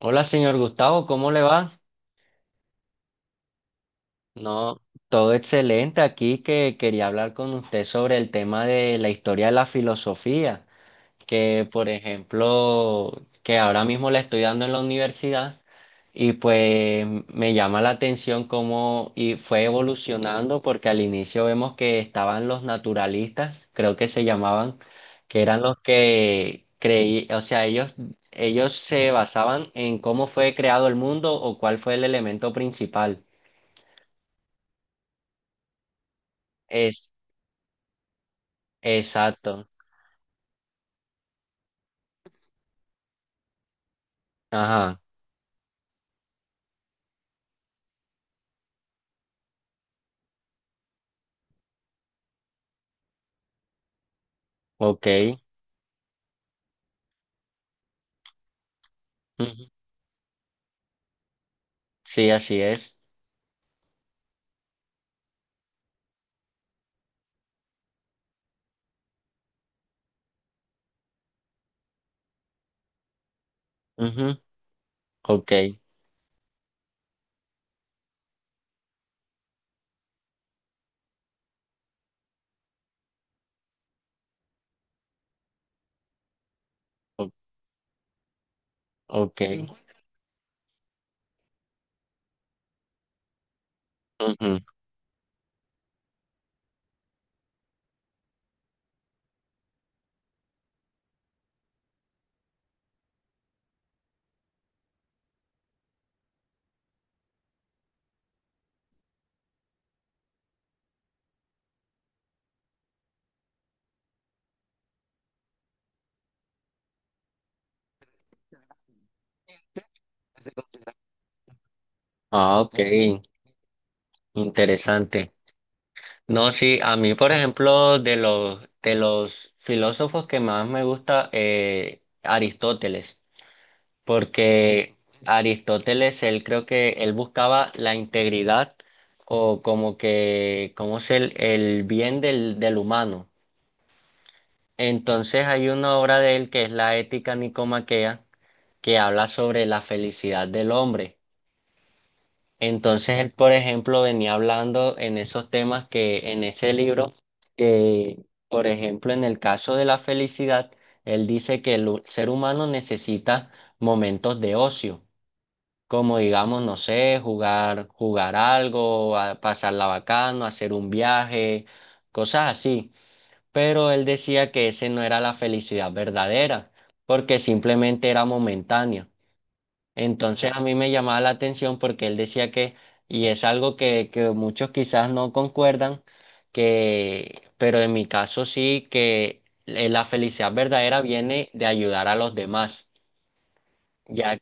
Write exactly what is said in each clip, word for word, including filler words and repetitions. Hola, señor Gustavo, ¿cómo le va? No, todo excelente aquí que quería hablar con usted sobre el tema de la historia de la filosofía que por ejemplo, que ahora mismo la estoy dando en la universidad. Y pues me llama la atención cómo y fue evolucionando, porque al inicio vemos que estaban los naturalistas, creo que se llamaban, que eran los que creí, o sea, ellos ellos se basaban en cómo fue creado el mundo o cuál fue el elemento principal. Es exacto. Ajá. Ok. Ujú. Sí, así es. Ujú. Ok. O- ok. Ujú. Ah, ok, interesante. No, sí, a mí, por ejemplo, de los, de los filósofos que más me gusta, eh, Aristóteles, porque Aristóteles, él creo que él buscaba la integridad o como que, como es el, el bien del, del humano. Entonces hay una obra de él que es la Ética Nicomaquea, que habla sobre la felicidad del hombre. Entonces él, por ejemplo, venía hablando en esos temas que en ese libro, que, por ejemplo, en el caso de la felicidad, él dice que el hu- ser humano necesita momentos de ocio, como digamos, no sé, jugar, jugar algo, a- pasarla bacano, hacer un viaje, cosas así. Pero él decía que ese no era la felicidad verdadera, porque simplemente era momentánea. Entonces a mí me llamaba la atención porque él decía que, y es algo que, que muchos quizás no concuerdan, que, pero en mi caso sí, que eh, la felicidad verdadera viene de ayudar a los demás. Ya,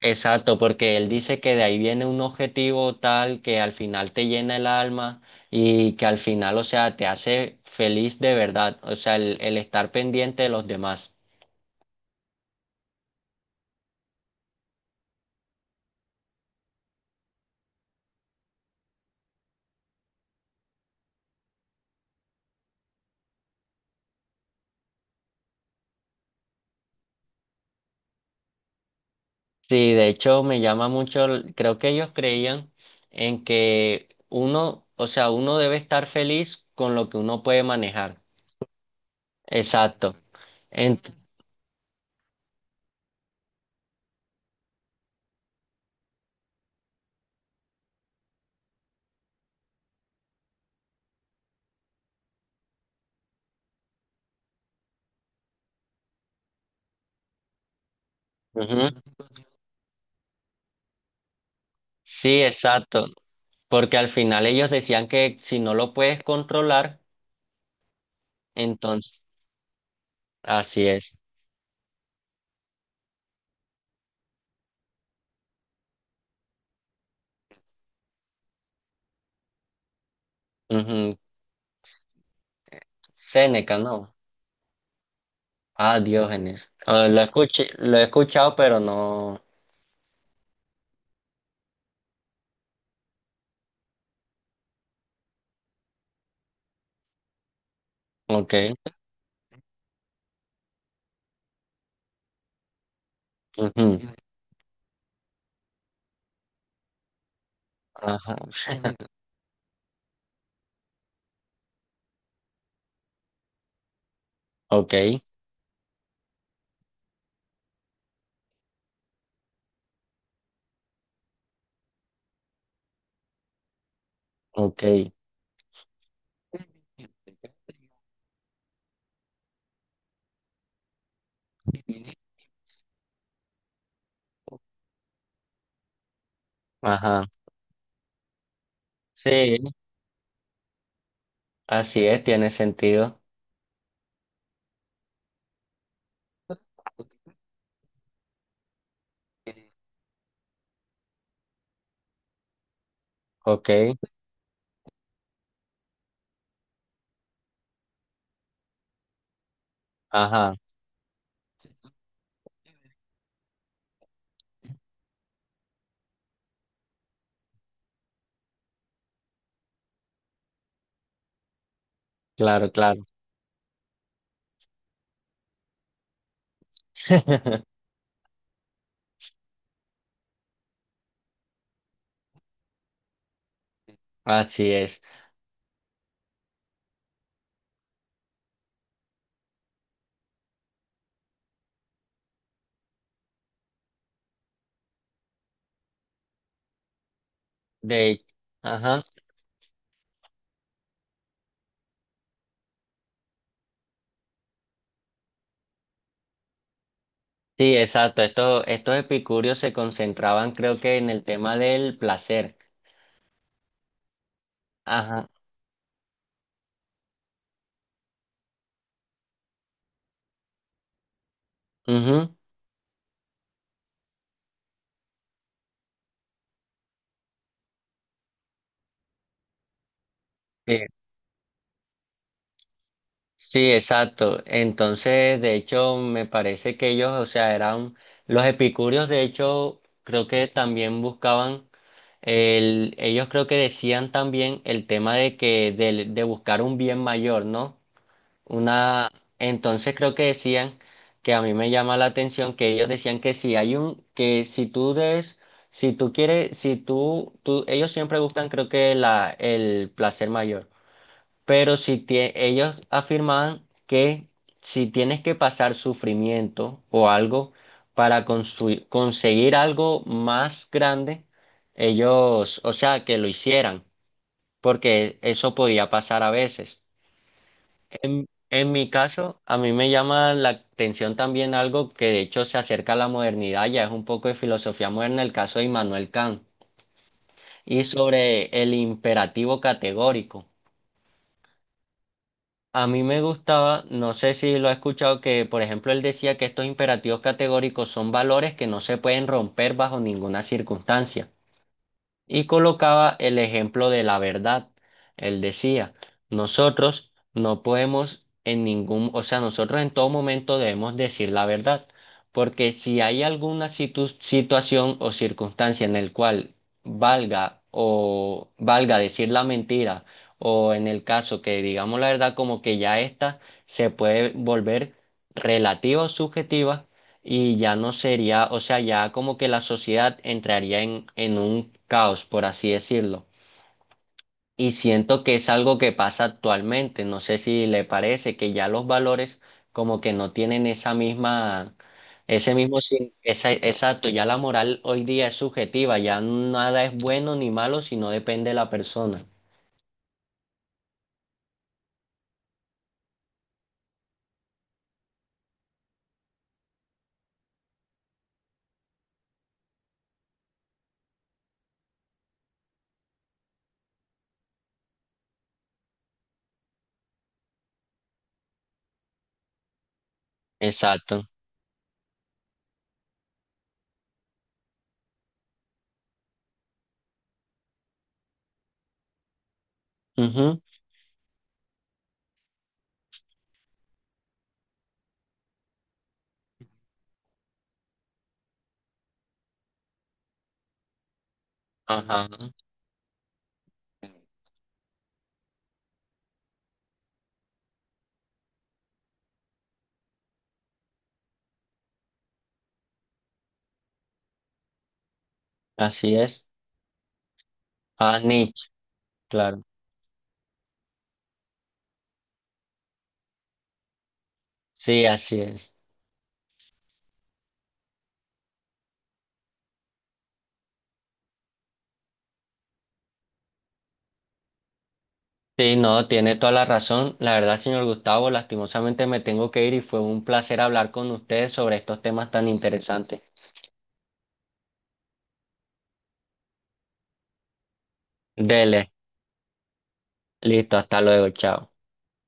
exacto, porque él dice que de ahí viene un objetivo tal que al final te llena el alma y que al final, o sea, te hace feliz de verdad, o sea, el, el estar pendiente de los demás. Sí, de hecho me llama mucho, el- creo que ellos creían en que uno, o sea, uno debe estar feliz con lo que uno puede manejar. Exacto. En- Ujú. Sí, exacto. Porque al final ellos decían que si no lo puedes controlar, entonces, así es. Ujú. Séneca, ¿no? Ah, Diógenes. Ah, lo escuché, lo he escuchado, pero no. Ok. Ujú. Ajá. Ok, ok. Ajá, sí, así es, tiene sentido. Ok, ajá, claro, claro. Así es. De, ajá, sí, exacto. Estos, estos epicúreos se concentraban, creo que, en el tema del placer. Ajá, mhm. Sí, exacto. Entonces, de hecho, me parece que ellos, o sea, eran los epicúreos, de hecho, creo que también buscaban el, ellos creo que decían también el tema de que de, de buscar un bien mayor, ¿no? Una, entonces creo que decían que a mí me llama la atención que ellos decían que si hay un, que si tú des, si tú quieres, si tú, tú, ellos siempre buscan creo que la, el placer mayor. Pero si tie- ellos afirmaban que si tienes que pasar sufrimiento o algo para construi- conseguir algo más grande, ellos, o sea, que lo hicieran, porque eso podía pasar a veces. En, en mi caso, a mí me llama la atención también algo que de hecho se acerca a la modernidad, ya es un poco de filosofía moderna, el caso de Immanuel Kant, y sobre el imperativo categórico. A mí me gustaba, no sé si lo ha escuchado, que por ejemplo él decía que estos imperativos categóricos son valores que no se pueden romper bajo ninguna circunstancia, y colocaba el ejemplo de la verdad. Él decía, nosotros no podemos en ningún, o sea, nosotros en todo momento debemos decir la verdad, porque si hay alguna situ- situación o circunstancia en el cual valga o valga decir la mentira, o en el caso que digamos la verdad como que ya esta se puede volver relativa o subjetiva, y ya no sería, o sea, ya como que la sociedad entraría en, en un caos, por así decirlo. Y siento que es algo que pasa actualmente. No sé si le parece que ya los valores como que no tienen esa misma, ese mismo, sin- esa, exacto, ya la moral hoy día es subjetiva, ya nada es bueno ni malo, sino depende de la persona. Exacto. Ujú. Ajá. Así es. Ah, Nietzsche, claro. Sí, así es. Sí, no, tiene toda la razón. La verdad, señor Gustavo, lastimosamente me tengo que ir y fue un placer hablar con ustedes sobre estos temas tan interesantes. Dele, listo, hasta luego, chao.